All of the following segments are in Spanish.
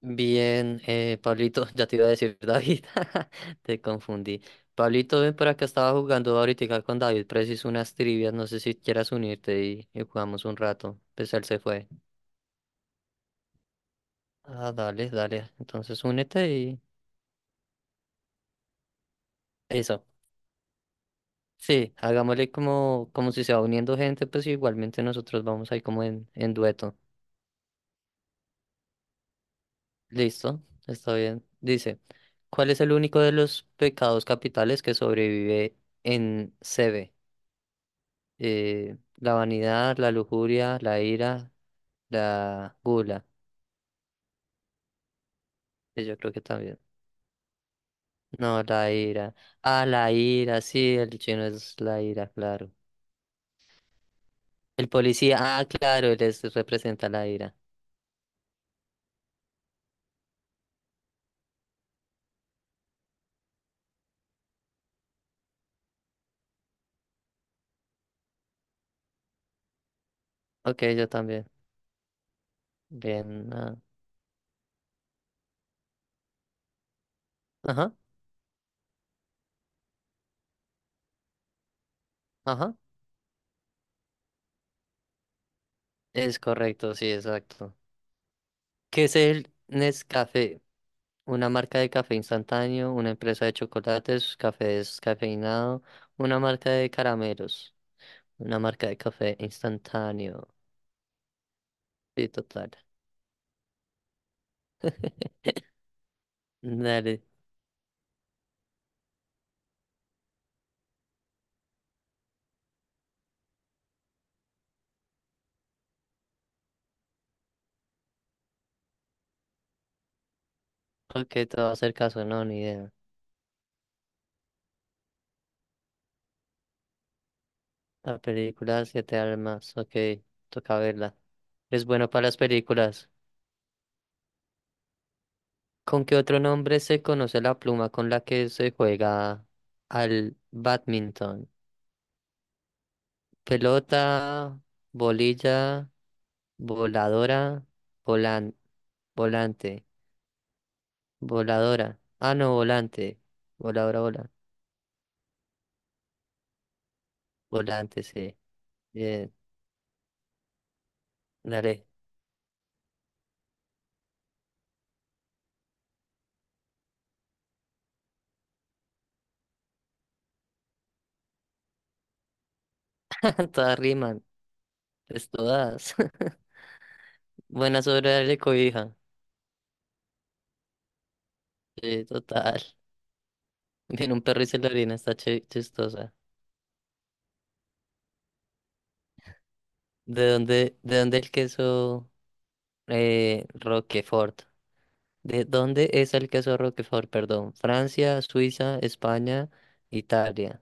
Bien, Pablito, ya te iba a decir David, te confundí. Pablito, ven para acá, estaba jugando ahorita con David, preciso unas trivias, no sé si quieras unirte y jugamos un rato, pues él se fue. Ah, dale, dale, entonces únete y eso. Sí, hagámosle como si se va uniendo gente, pues igualmente nosotros vamos ahí como en dueto. Listo, está bien. Dice, ¿cuál es el único de los pecados capitales que sobrevive en C B la vanidad, la lujuria, la ira, la gula. Que Yo creo que también. No, la ira. Ah, la ira, sí, el chino es la ira, claro. El policía, ah, claro, representa la ira. Ok, yo también. Bien. Ajá, ajá. Es correcto, sí, exacto. ¿Qué es el Nescafé? Una marca de café instantáneo, una empresa de chocolates, café descafeinado, una marca de caramelos, una marca de café instantáneo. Sí, total. Dale. Ok, te voy a hacer caso, no, ni idea. La película Siete Almas, ok, toca verla. Es bueno para las películas. ¿Con qué otro nombre se conoce la pluma con la que se juega al badminton? Pelota, bolilla, voladora, volan, volante, voladora. Ah, no, volante. Voladora, vola. Volante, sí. Bien, dale. Todas riman, pues todas. Buena sobre darle cobija. Sí, total. Viene un perro y se lo orina, está chistosa. ¿De dónde el queso Roquefort? ¿De dónde es el queso Roquefort? Perdón. Francia, Suiza, España, Italia.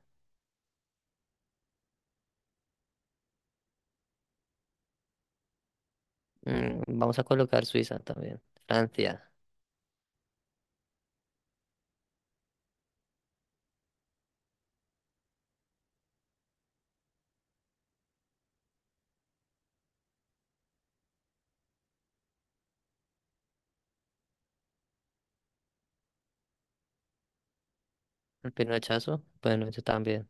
Mm, vamos a colocar Suiza también. Francia. ¿Al pinochazo? Bueno, yo también.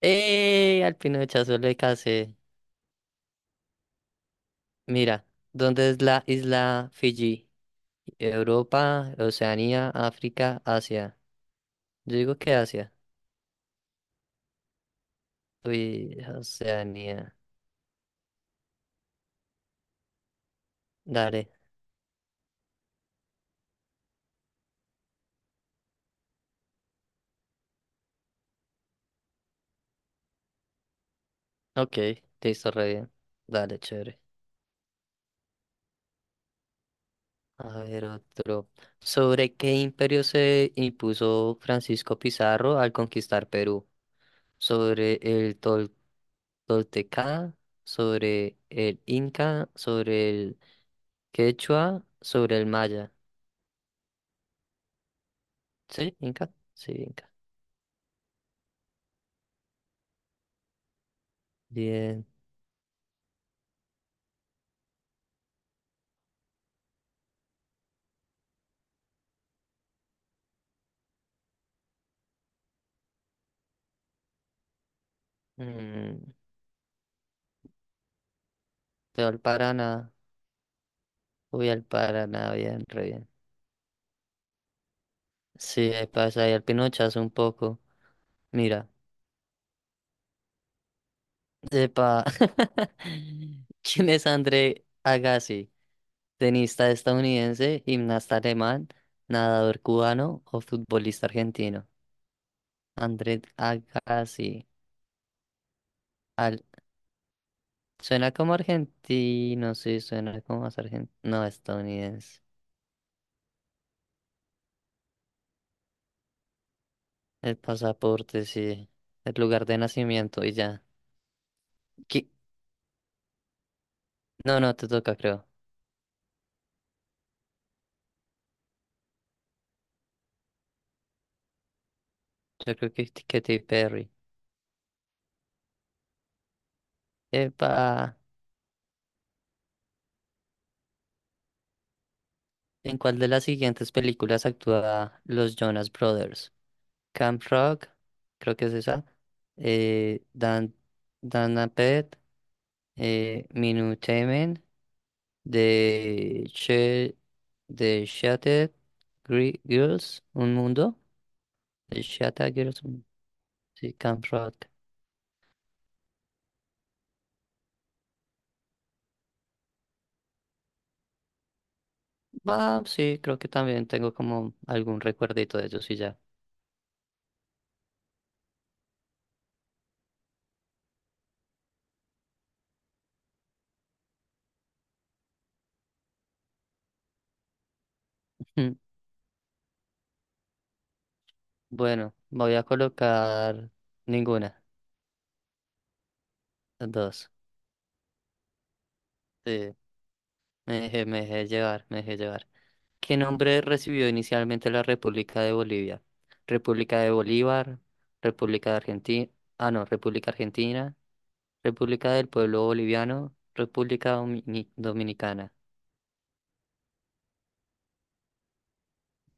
¡Eh! Al pinochazo le casé. Mira, ¿dónde es la isla Fiji? Europa, Oceanía, África, Asia. Yo digo que Asia. Uy, Oceanía. Dale. Ok, te hizo re bien. Dale, chévere. A ver, otro. ¿Sobre qué imperio se impuso Francisco Pizarro al conquistar Perú? ¿Sobre el Tol- Tolteca? ¿Sobre el Inca? ¿Sobre el Quechua? ¿Sobre el Maya? ¿Sí? ¿Inca? Sí, Inca. Bien. Mm, voy al Paraná. Voy al Paraná, bien, re bien. Sí, ahí pasa ahí al Pinochazo un poco. Mira. Sepa. ¿Quién es André Agassi? Tenista estadounidense, gimnasta alemán, nadador cubano o futbolista argentino. André Agassi. Al... Suena como argentino, sí, suena como más argentino. No, estadounidense. El pasaporte, sí. El lugar de nacimiento y ya. Qui- No, no, te toca, creo. Yo creo que es Katy Perry. Epa. ¿En cuál de las siguientes películas actúa los Jonas Brothers? Camp Rock, creo que es esa. Eh, Dan, Dan Apet, Minutamen, de She, de Girls, Un Mundo, de Shattered sí, Camp Rock. Ah, sí, creo que también tengo como algún recuerdito de ellos y ya. Mm, bueno, voy a colocar ninguna, dos. Sí, me dejé llevar, me dejé llevar. ¿Qué nombre recibió inicialmente la República de Bolivia? República de Bolívar, República de Argentina, ah no, República Argentina, República del Pueblo Boliviano, Dominicana,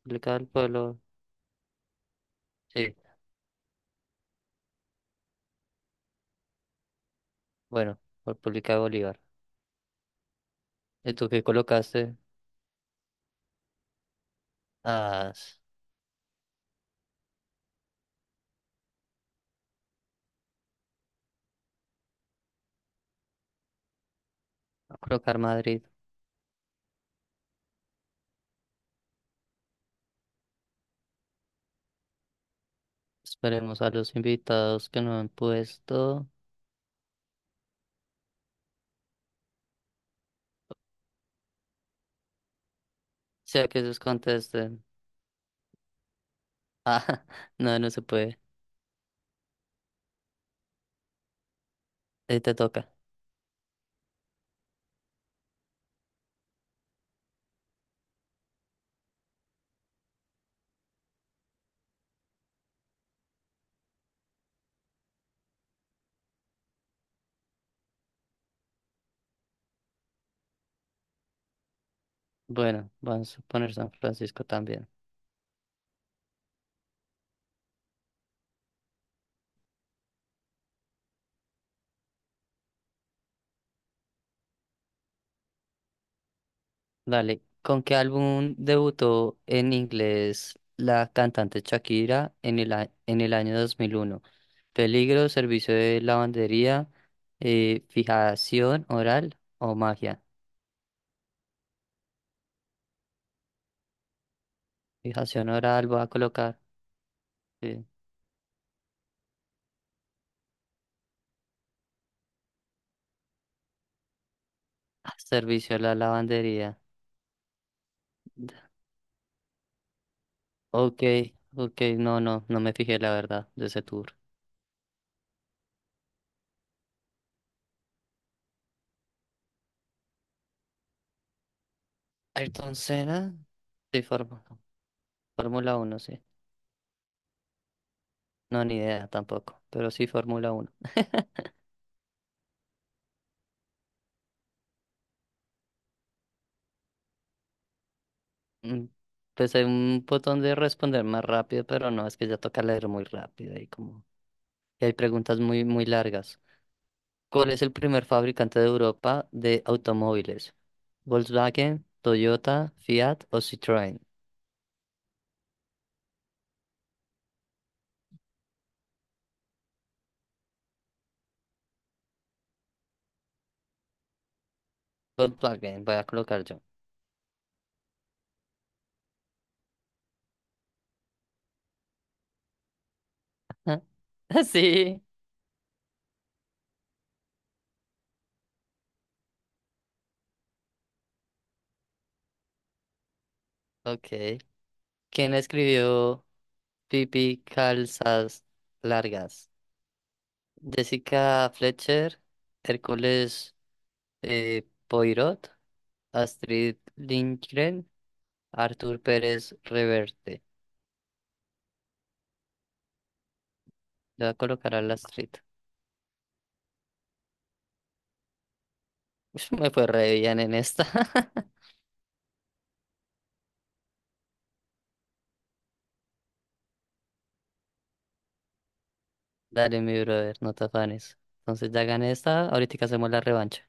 República del Pueblo, sí, bueno, República de Bolívar. ¿Y tú qué colocaste? Ah, s- a colocar Madrid. Esperemos a los invitados que no han puesto, sea que ellos contesten. Ah, no, no se puede. Te toca. Bueno, vamos a poner San Francisco también. Dale, ¿con qué álbum debutó en inglés la cantante Shakira en en el año 2001? ¿Peligro, servicio de lavandería, fijación oral o magia? Fijación oral voy a colocar. Sí. Ah, Servicio a la lavandería. Ok, ok, no, no, no me fijé la verdad de ese tour. Ayrton Senna, sí, Fórmula uno sí. No, ni idea tampoco, pero sí Fórmula uno. Mm, pues hay un botón de responder más rápido, pero no, es que ya toca leer muy rápido y como y hay preguntas muy muy largas. ¿Cuál es el primer fabricante de Europa de automóviles? ¿Volkswagen, Toyota, Fiat o Citroën? Volkswagen, voy a colocar yo. Sí, ok. ¿Quién escribió Pipi Calzas Largas? Jessica Fletcher, Hércules Poirot, Astrid Lindgren Artur Pérez Reverte. Le voy a colocar a Lastrito. Ush, me fue re bien en esta. Dale, mi brother, no te afanes. Entonces ya gané esta, ahorita hacemos la revancha.